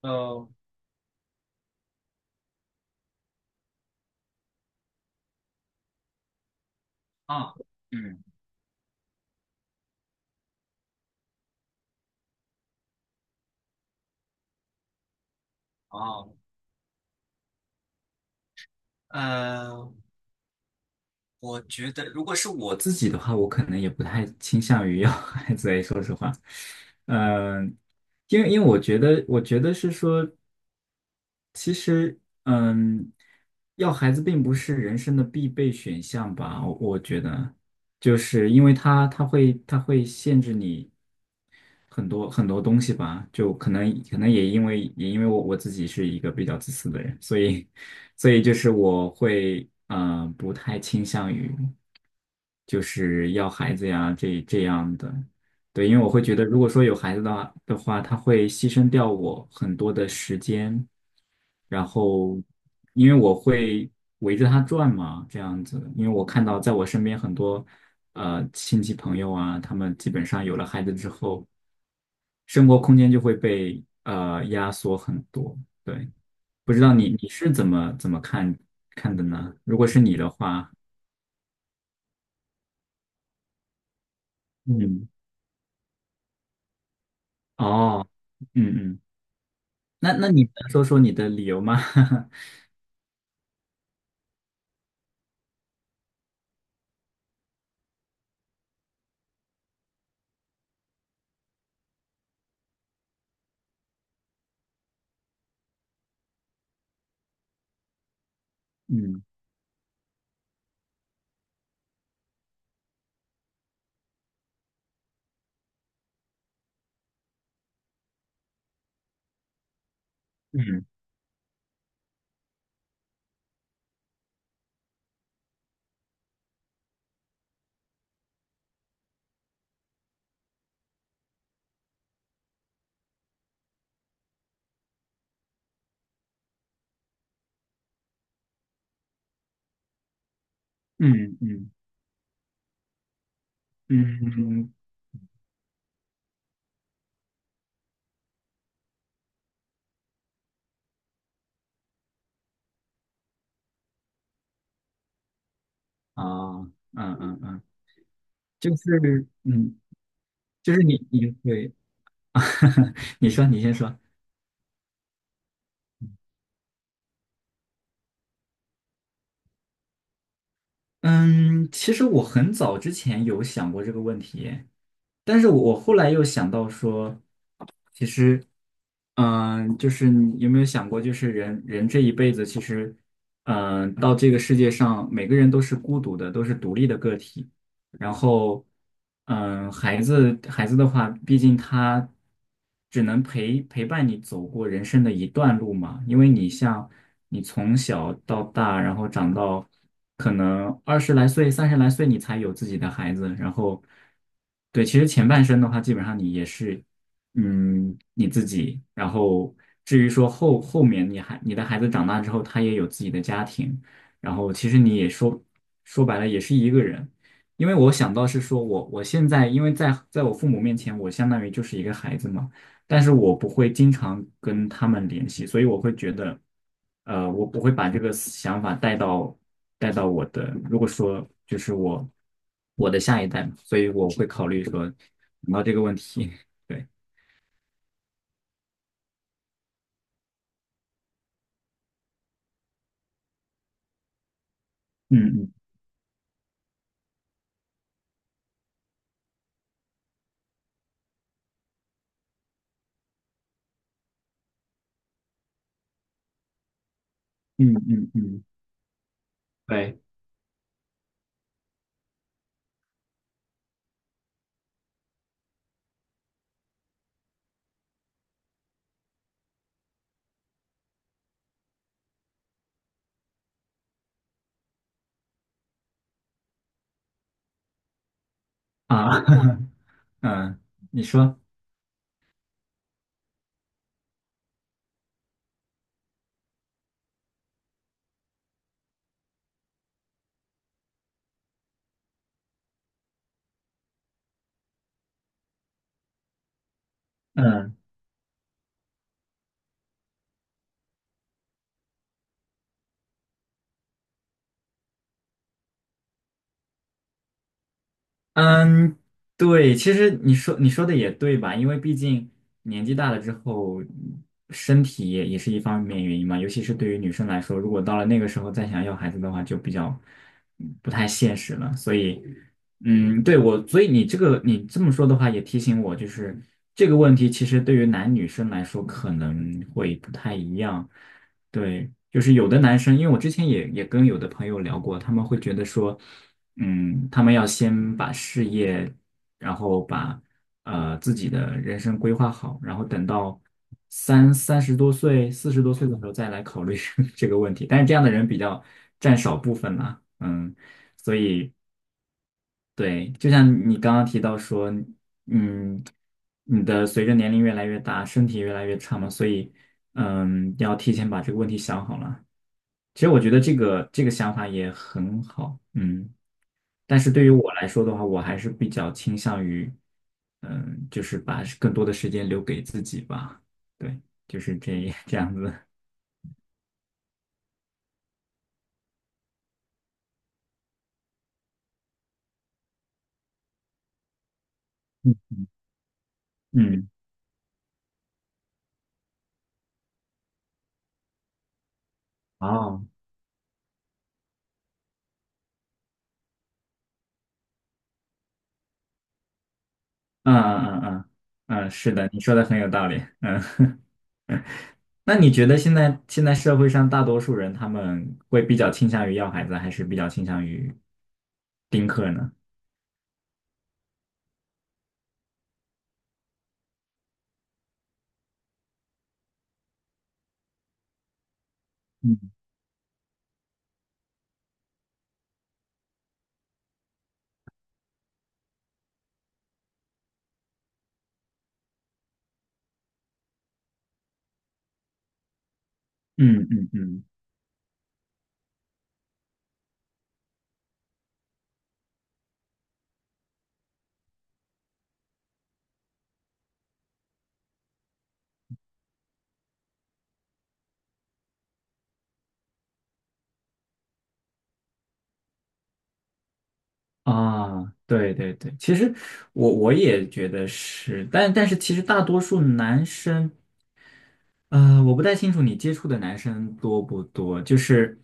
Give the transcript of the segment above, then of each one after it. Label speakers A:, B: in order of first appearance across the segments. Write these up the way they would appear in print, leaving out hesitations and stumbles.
A: 呃，啊，嗯，哦，呃，我觉得如果是我自己的话，我可能也不太倾向于要 孩子诶，说实话，嗯、因为我觉得，我觉得是说，其实，嗯，要孩子并不是人生的必备选项吧，我觉得。就是因为他会限制你。很多很多东西吧，就可能也因为我自己是一个比较自私的人，所以就是我会不太倾向于就是要孩子呀这样的。对，因为我会觉得如果说有孩子的话，他会牺牲掉我很多的时间，然后因为我会围着他转嘛，这样子。因为我看到在我身边很多亲戚朋友啊，他们基本上有了孩子之后，生活空间就会被压缩很多。对。不知道你是怎么看的呢？如果是你的话，嗯，哦，嗯嗯。那你能说说你的理由吗？嗯嗯嗯嗯嗯，啊，嗯嗯嗯，就是你会，你先说。嗯，其实我很早之前有想过这个问题，但是我后来又想到说，其实，就是你有没有想过，就是人这一辈子，其实，到这个世界上，每个人都是孤独的，都是独立的个体。然后，孩子的话，毕竟他只能陪伴你走过人生的一段路嘛。因为你像你从小到大，然后长到可能20来岁、30来岁，你才有自己的孩子。然后，对，其实前半生的话，基本上你也是，嗯，你自己。然后至于说后面你的孩子长大之后，他也有自己的家庭。然后其实你也说白了也是一个人。因为我想到是说我现在因为在我父母面前，我相当于就是一个孩子嘛。但是我不会经常跟他们联系，所以我会觉得，我不会把这个思想法带到我的，如果说就是我的下一代嘛，所以我会考虑说想到这个问题。对，嗯嗯嗯嗯嗯，对啊，嗯，你说，嗯。嗯，对，其实你说的也对吧？因为毕竟年纪大了之后，身体也是一方面原因嘛。尤其是对于女生来说，如果到了那个时候再想要孩子的话，就比较不太现实了。所以，嗯，对我，所以你这么说的话，也提醒我，就是这个问题其实对于男女生来说可能会不太一样。对，就是有的男生，因为我之前也跟有的朋友聊过，他们会觉得说。嗯，他们要先把事业，然后把自己的人生规划好，然后等到30多岁、40多岁的时候再来考虑 这个问题。但是这样的人比较占少部分啦，所以对，就像你刚刚提到说，嗯，你的随着年龄越来越大，身体越来越差嘛，所以要提前把这个问题想好了。其实我觉得这个想法也很好，嗯。但是对于我来说的话，我还是比较倾向于，就是把更多的时间留给自己吧。对，就是这 这样子。嗯，哦，嗯嗯嗯嗯，是的，你说的很有道理。嗯，那你觉得现在社会上大多数人他们会比较倾向于要孩子，还是比较倾向于丁克呢？嗯嗯嗯。啊，对对对，其实我也觉得是，但是其实大多数男生我不太清楚你接触的男生多不多，就是，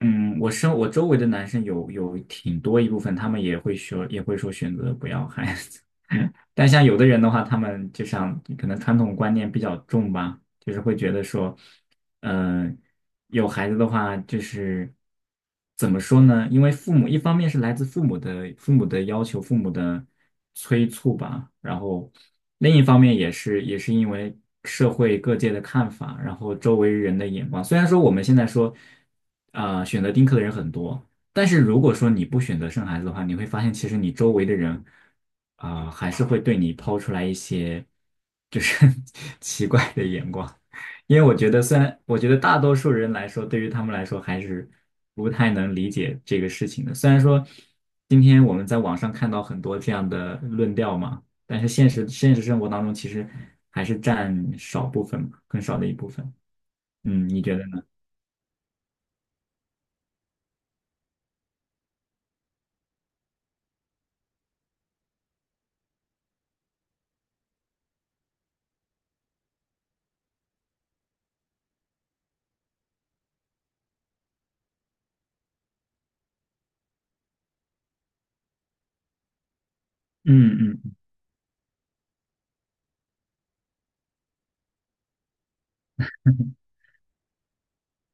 A: 嗯，我周围的男生有挺多一部分，他们也会说选择不要孩子。但像有的人的话，他们就像可能传统观念比较重吧，就是会觉得说，嗯。有孩子的话，就是怎么说呢？因为父母一方面是来自父母的要求、父母的催促吧，然后另一方面也是因为社会各界的看法，然后周围人的眼光。虽然说我们现在说，选择丁克的人很多。但是如果说你不选择生孩子的话，你会发现其实你周围的人啊、还是会对你抛出来一些就是 奇怪的眼光。因为我觉得，虽然我觉得大多数人来说，对于他们来说还是不太能理解这个事情的。虽然说今天我们在网上看到很多这样的论调嘛，但是现实生活当中其实还是占少部分嘛，更少的一部分。嗯，你觉得呢？嗯嗯嗯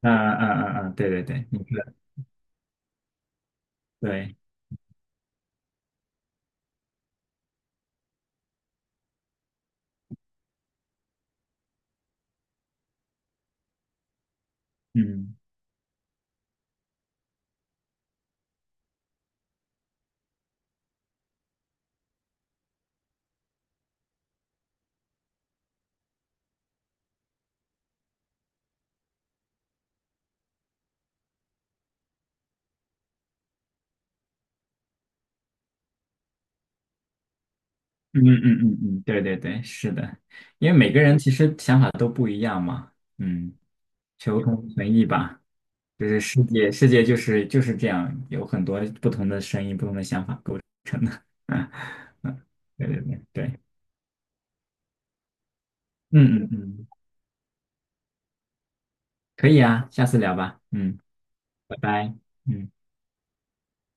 A: 啊啊啊啊！对对对，你说的对。嗯嗯嗯嗯嗯，对对对，是的，因为每个人其实想法都不一样嘛，嗯，求同存异吧。就是世界，世界就是这样，有很多不同的声音、不同的想法构成的。嗯嗯，对对对对，嗯嗯嗯。可以啊，下次聊吧。嗯，拜拜。嗯。